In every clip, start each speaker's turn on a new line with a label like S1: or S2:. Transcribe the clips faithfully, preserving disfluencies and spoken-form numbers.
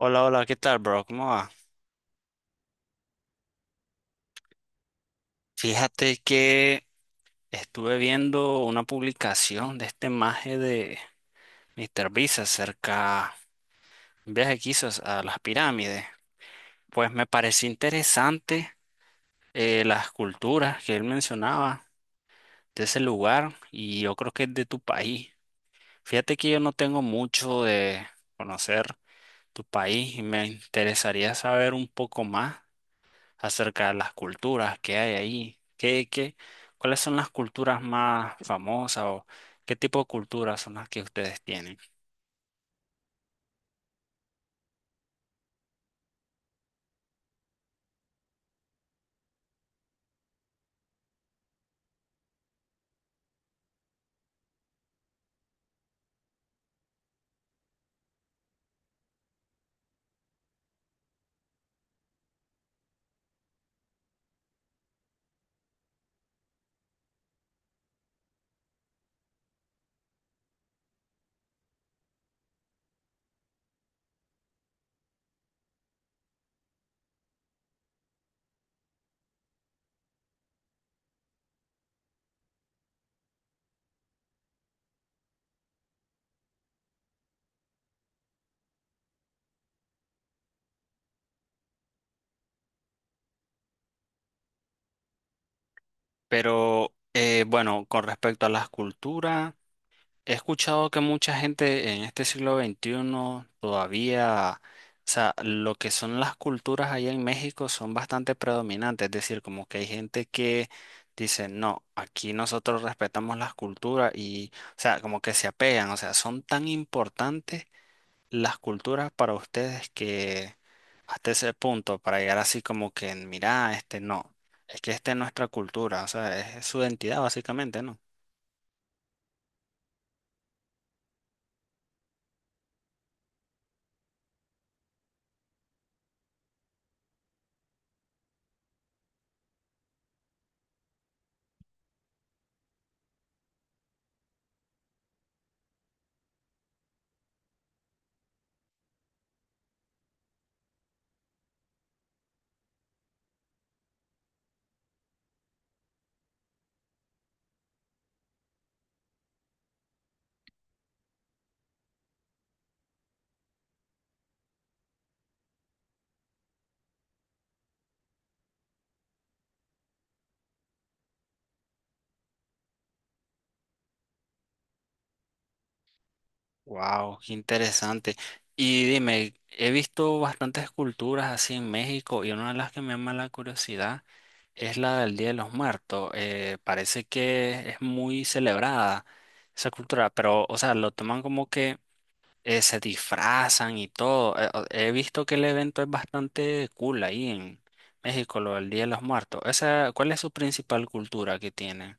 S1: Hola, hola, ¿qué tal, bro? ¿Cómo va? Fíjate que estuve viendo una publicación de este maje de mister Beast acerca de un viaje que hizo a las pirámides. Pues me pareció interesante, eh, las culturas que él mencionaba de ese lugar, y yo creo que es de tu país. Fíjate que yo no tengo mucho de conocer tu país y me interesaría saber un poco más acerca de las culturas que hay ahí. ¿Qué, qué, cuáles son las culturas más famosas, o ¿qué tipo de culturas son las que ustedes tienen? Pero eh, bueno, con respecto a las culturas, he escuchado que mucha gente en este siglo veintiuno todavía, o sea, lo que son las culturas allá en México son bastante predominantes, es decir, como que hay gente que... dice, no, aquí nosotros respetamos las culturas y, o sea, como que se apegan, o sea, son tan importantes las culturas para ustedes que hasta ese punto, para llegar así como que, mira, este no, es que esta es nuestra cultura, o sea, es, su identidad básicamente, ¿no? Wow, qué interesante. Y dime, he visto bastantes culturas así en México y una de las que me llama la curiosidad es la del Día de los Muertos. Eh, parece que es muy celebrada esa cultura, pero, o sea, lo toman como que eh, se disfrazan y todo. Eh, o- He visto que el evento es bastante cool ahí en México, lo del Día de los Muertos. Esa, ¿cuál es su principal cultura que tienen?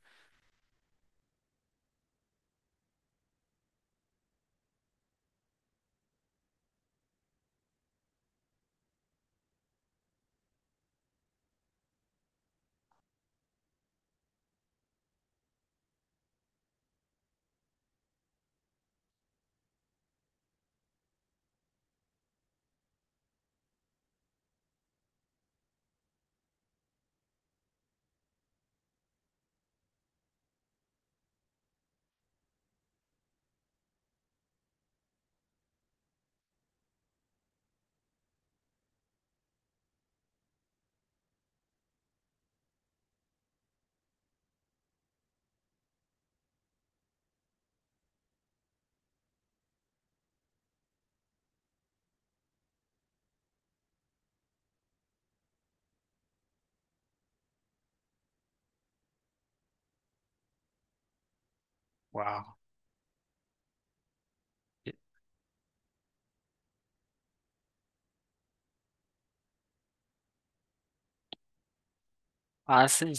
S1: Ah, sí.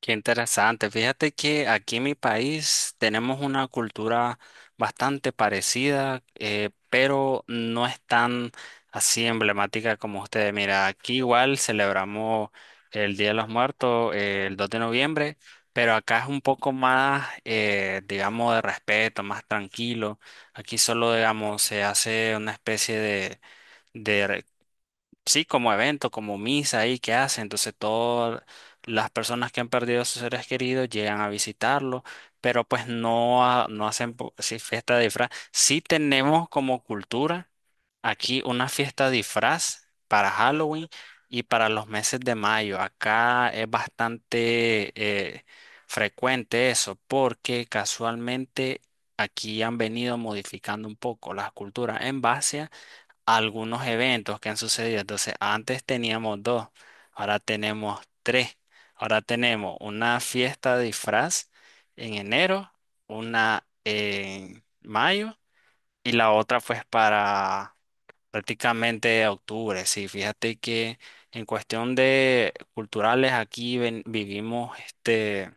S1: Qué interesante. Fíjate que aquí en mi país tenemos una cultura bastante parecida, eh, pero no es tan así emblemática como ustedes. Mira, aquí igual celebramos el Día de los Muertos, eh, el dos de noviembre, pero acá es un poco más, eh, digamos, de respeto, más tranquilo. Aquí solo, digamos, se hace una especie de, sí, como evento, como misa ahí que hace. Entonces todas las personas que han perdido a sus seres queridos llegan a visitarlo, pero pues no, ha- no hacen po- sí, fiesta de disfraz. Sí tenemos como cultura aquí una fiesta de disfraz para Halloween y para los meses de mayo. Acá es bastante eh, frecuente eso porque casualmente aquí han venido modificando un poco las culturas en base a algunos eventos que han sucedido. Entonces, antes teníamos dos, ahora tenemos tres. Ahora tenemos una fiesta de disfraz en enero, una en mayo y la otra pues para prácticamente octubre. Sí, fíjate que en cuestión de culturales aquí ven- vivimos este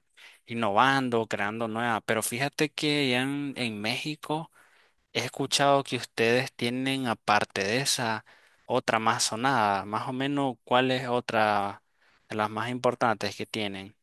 S1: innovando, creando nuevas, pero fíjate que ya en en México he escuchado que ustedes tienen, aparte de esa, otra más sonada. Más o menos, ¿cuál es otra de las más importantes que tienen?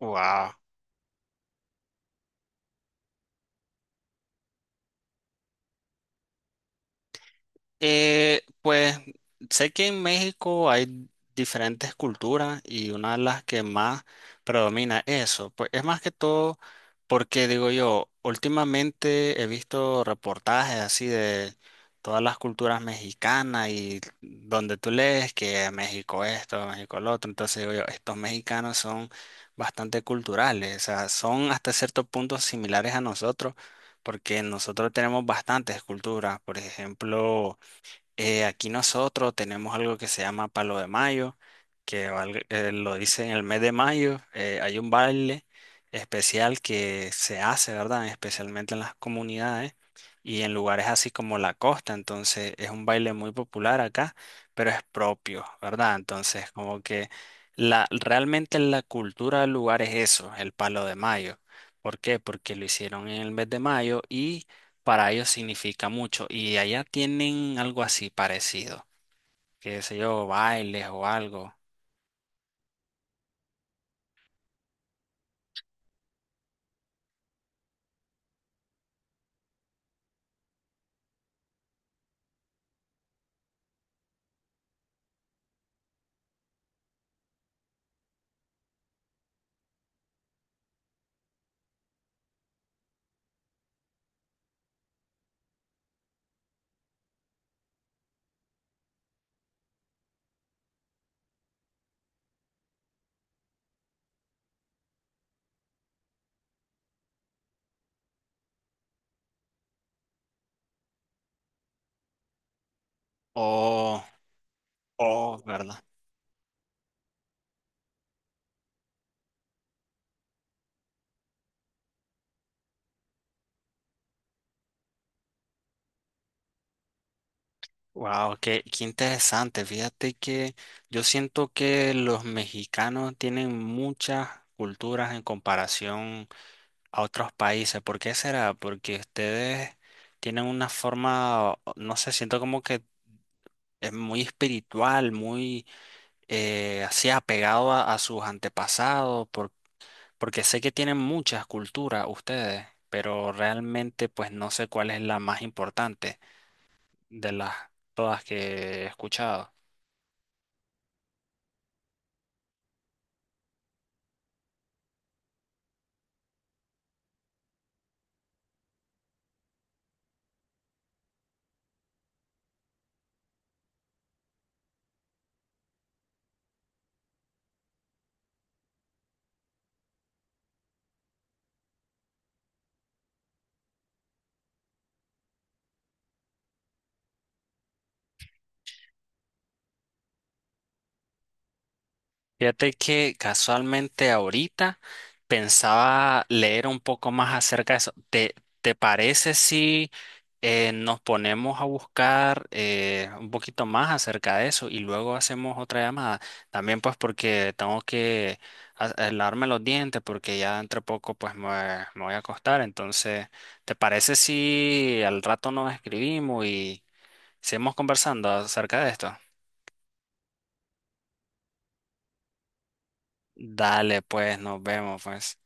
S1: Wow. Eh, pues sé que en México hay diferentes culturas y una de las que más predomina eso, pues es más que todo porque digo yo, últimamente he visto reportajes así de todas las culturas mexicanas y donde tú lees que México esto, México lo otro, entonces digo yo, estos mexicanos son bastante culturales, o sea, son hasta cierto punto similares a nosotros porque nosotros tenemos bastantes culturas, por ejemplo. Eh, aquí nosotros tenemos algo que se llama Palo de Mayo, que valga- eh, lo dice en el mes de mayo. Eh, hay un baile especial que se hace, ¿verdad? Especialmente en las comunidades y en lugares así como la costa. Entonces es un baile muy popular acá, pero es propio, ¿verdad? Entonces como que la, realmente la cultura del lugar es eso, el Palo de Mayo. ¿Por qué? Porque lo hicieron en el mes de mayo y para ellos significa mucho. Y allá tienen algo así parecido, qué sé yo, bailes o algo. Oh, oh, ¿verdad? Wow, qué, qué interesante. Fíjate que yo siento que los mexicanos tienen muchas culturas en comparación a otros países. ¿Por qué será? Porque ustedes tienen una forma, no sé, siento como que es muy espiritual, muy eh, así apegado a, a sus antepasados, porque sé que tienen muchas culturas ustedes, pero realmente pues no sé cuál es la más importante de las todas que he escuchado. Fíjate que casualmente ahorita pensaba leer un poco más acerca de eso. ¿Te, te parece si eh, nos ponemos a buscar eh, un poquito más acerca de eso y luego hacemos otra llamada? También pues porque tengo que a- a lavarme los dientes porque ya entre poco pues me, me voy a acostar. Entonces, ¿te parece si al rato nos escribimos y seguimos conversando acerca de esto? Dale, pues nos vemos pues.